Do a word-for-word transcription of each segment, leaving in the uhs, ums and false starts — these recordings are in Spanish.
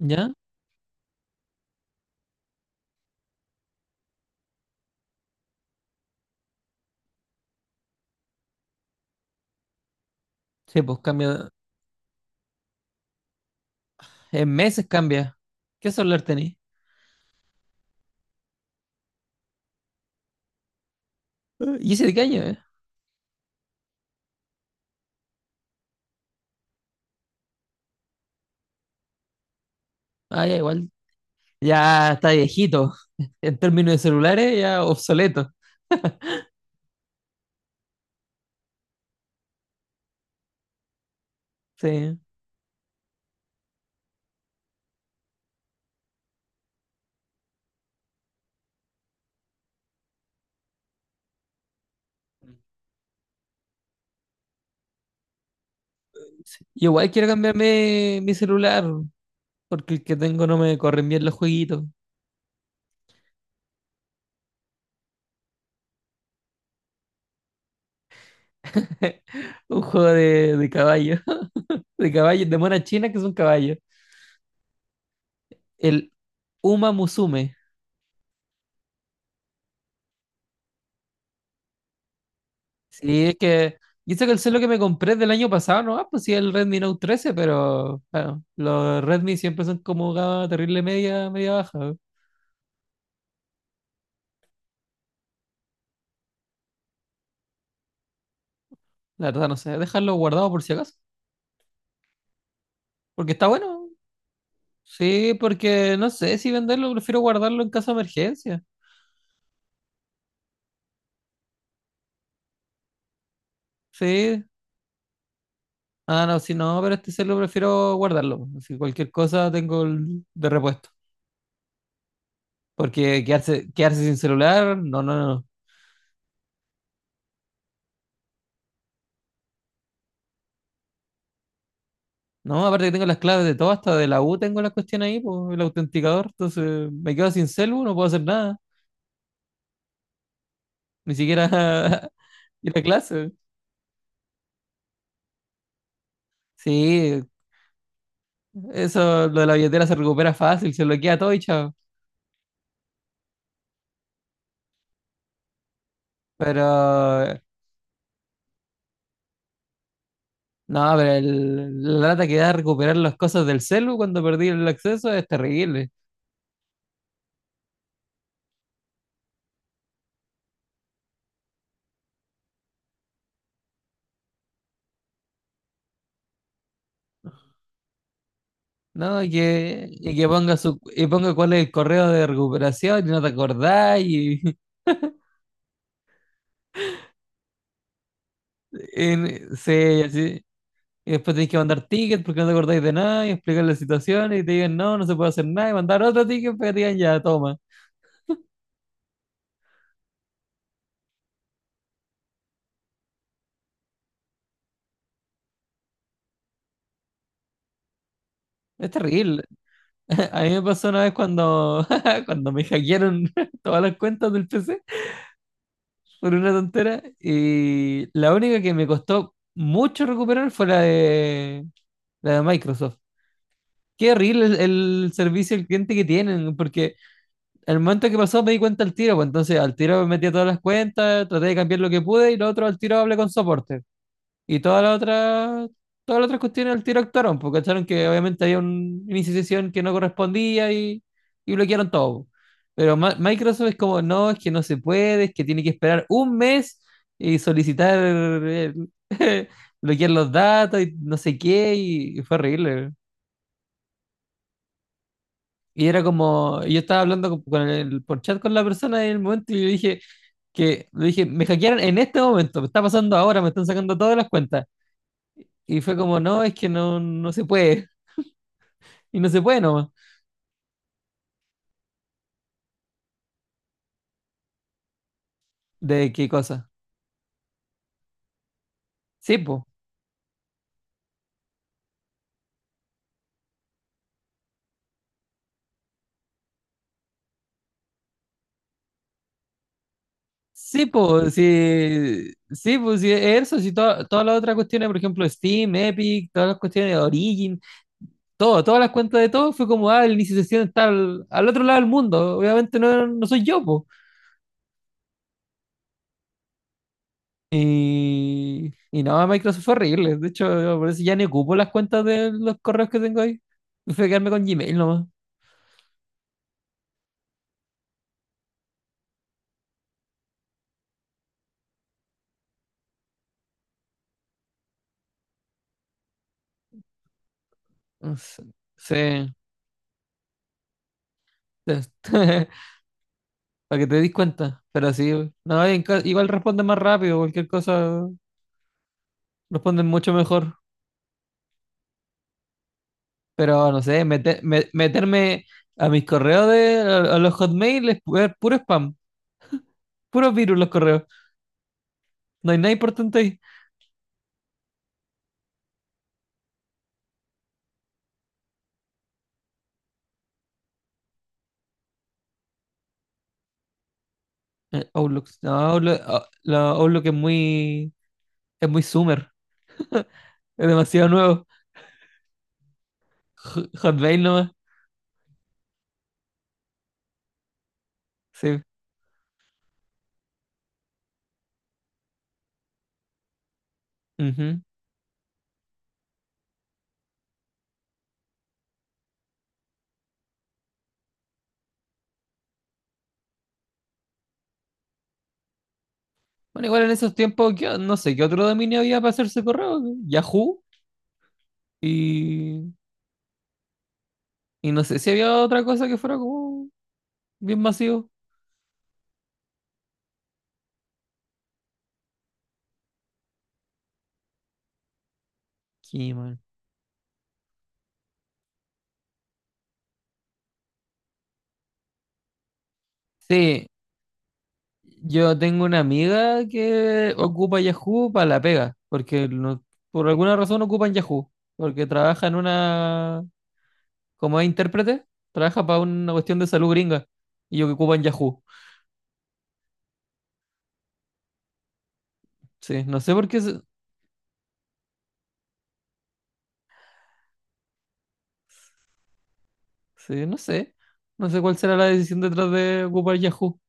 ¿Ya? Sí, pues cambia. En meses cambia. ¿Qué celular tenés? Eh, ¿Y ese de qué año, eh? Ah, ya, igual. Ya está viejito. En términos de celulares, ya obsoleto. Sí. Yo igual quiero cambiarme mi celular, porque el que tengo no me corren bien los jueguitos. Un juego de, de caballo. De caballos, de monas chinas que son caballos. El Uma Musume. Sí, es que. Y eso que el celular que me compré del año pasado, no, ah, pues sí, el Redmi Note trece, pero bueno, los Redmi siempre son como gama terrible media, media baja. La verdad, no sé, dejarlo guardado por si acaso. Porque está bueno. Sí, porque no sé si venderlo, prefiero guardarlo en caso de emergencia. Sí. Ah, no, si no, pero este celular prefiero guardarlo. Si cualquier cosa, tengo el de repuesto. Porque quedarse, quedarse sin celular, no, no, no. No, aparte que tengo las claves de todo, hasta de la U tengo la cuestión ahí, pues, el autenticador. Entonces me quedo sin celu, no puedo hacer nada. Ni siquiera ir a clase. Sí, eso, lo de la billetera se recupera fácil, se bloquea todo y chao. Pero no, pero el- la lata que da recuperar las cosas del celu cuando perdí el acceso es terrible. No, y que, y que ponga su, y ponga cuál es el correo de recuperación y no te acordás y, y se, y después tenéis que mandar tickets porque no te acordáis de nada y explicar la situación y te digan no, no se puede hacer nada, y mandar otro ticket para que te digan ya, toma. Es terrible. A mí me pasó una vez cuando, cuando me hackearon todas las cuentas del P C por una tontera, y la única que me costó mucho recuperar fue la de, la de Microsoft. Qué horrible el, el servicio al cliente que tienen, porque al momento que pasó me di cuenta al tiro, pues entonces al tiro me metí a todas las cuentas, traté de cambiar lo que pude, y lo otro al tiro hablé con soporte. Y todas las otras, todas las otras cuestiones al tiro actuaron, porque acharon que obviamente había un inicio de sesión que no correspondía, y, y, bloquearon todo. Pero Ma- Microsoft es como, no, es que no se puede, es que tiene que esperar un mes y solicitar, eh, bloquear los datos y no sé qué, y y fue horrible. Y era como, yo estaba hablando con, con el, por chat con la persona en el momento, y le dije que, le dije, me hackearon en este momento, me está pasando ahora, me están sacando todas las cuentas. Y fue como, no, es que no, no se puede. Y no se puede nomás. ¿De qué cosa? Sí, pues. Sí, pues, sí, sí, pues, sí, eso, sí, to- todas las otras cuestiones, por ejemplo, Steam, Epic, todas las cuestiones de Origin, todo, todas las cuentas de todo, fue como, ah, el inicio de sesión está al, al otro lado del mundo, obviamente no, no soy yo, pues. Y, y no, Microsoft fue horrible, de hecho, yo por eso ya ni ocupo las cuentas de los correos que tengo ahí, prefiero quedarme con Gmail nomás. No sé. Sí. Para que te des cuenta. Pero sí, no, y en ca- igual responden más rápido, cualquier cosa responden mucho mejor. Pero no sé, mete- me- meterme a mis correos de a, a los Hotmail es pu- puro spam, puro virus los correos. No hay nada importante ahí. Eh, Outlook, no, Outlook, ah, la Outlook es muy, es muy Summer, es demasiado nuevo. Ho- Hotmail nomás, sí. Ujú. Bueno, igual en esos tiempos, ¿qué- no sé qué otro dominio había para hacerse correo. Yahoo, y y no sé si había otra cosa que fuera como bien masivo. Sí, man. Sí, yo tengo una amiga que ocupa Yahoo para la pega, porque no- por alguna razón ocupan Yahoo, porque trabaja en una, como es intérprete, trabaja para una cuestión de salud gringa, y yo que ocupan Yahoo. Sí, no sé por qué, se- sí, no sé, no sé cuál será la decisión detrás de ocupar Yahoo,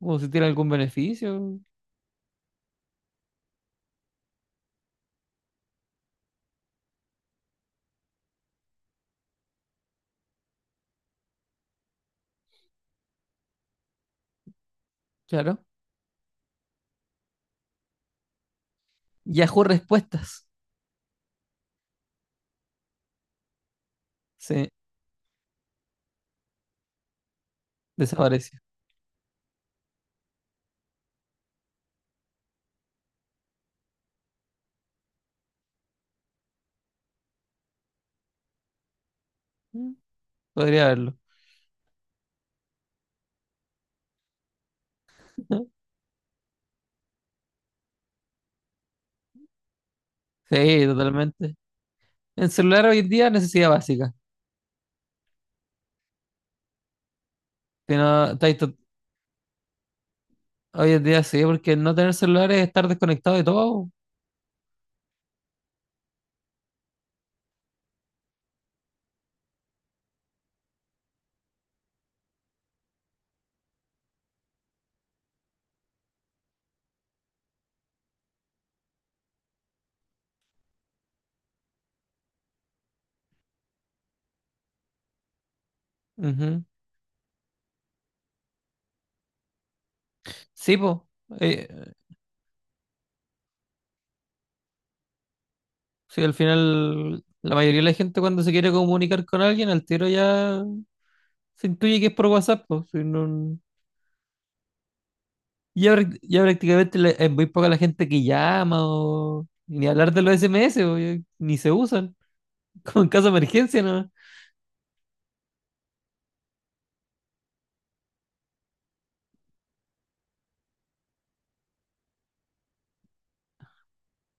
o si tiene algún beneficio, claro. Yahoo Respuestas, sí, desapareció. Mm. Podría haberlo. Sí, totalmente. El celular hoy en día es necesidad básica. Que no, está ahí to- hoy en día sí, porque no tener celular es estar desconectado de todo. Ujú. Sí, po. Eh, sí, al final, la mayoría de la gente cuando se quiere comunicar con alguien, al tiro ya se intuye que es por WhatsApp, po. Si no- ya, prac- ya prácticamente le- es muy poca la gente que llama, o ni hablar de los S M S, po, ya ni se usan. Como en caso de emergencia, ¿no?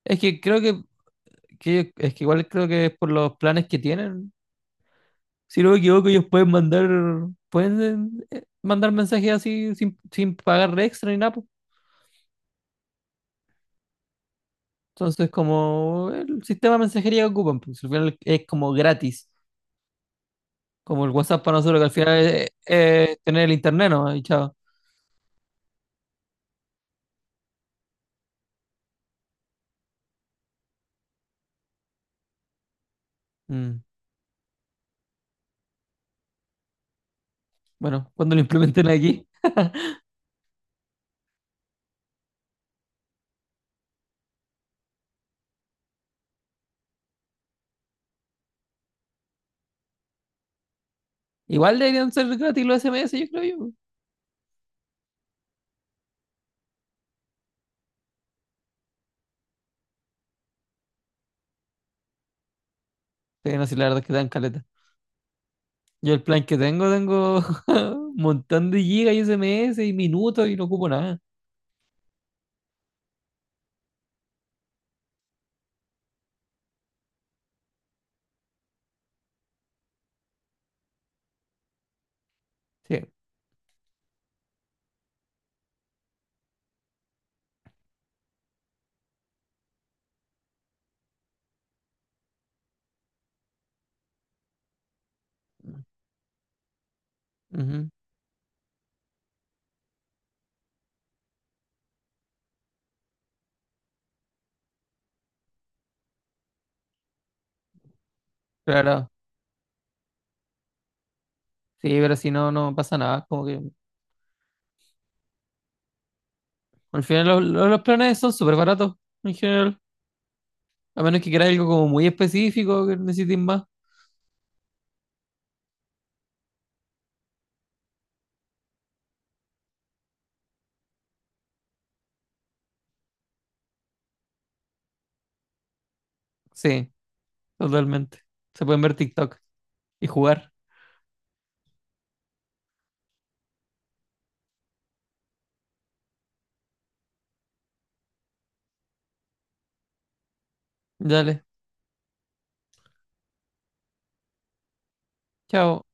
Es que creo que, que- es que igual creo que es por los planes que tienen. Si no me equivoco, ellos pueden mandar, pueden, eh, mandar mensajes así sin, sin pagar extra ni nada, pues. Entonces, como el sistema de mensajería que ocupan, pues al final es como gratis, como el WhatsApp para nosotros, que al final es, es tener el internet, ¿no? Y chao. Mm. Bueno, cuando lo implementen aquí, igual deberían ser gratis los S M S, yo creo yo. Sí, no, sí, la verdad es que dan caleta. Yo el plan que tengo, tengo un montón de gigas y S M S y minutos, y no ocupo nada. Sí. Ujú. Claro. Sí, pero si no, no pasa nada. Como que al final los, los- los planes son súper baratos en general. A menos que quieras algo como muy específico que necesites más. Sí, totalmente. Se pueden ver TikTok y jugar. Dale, chao.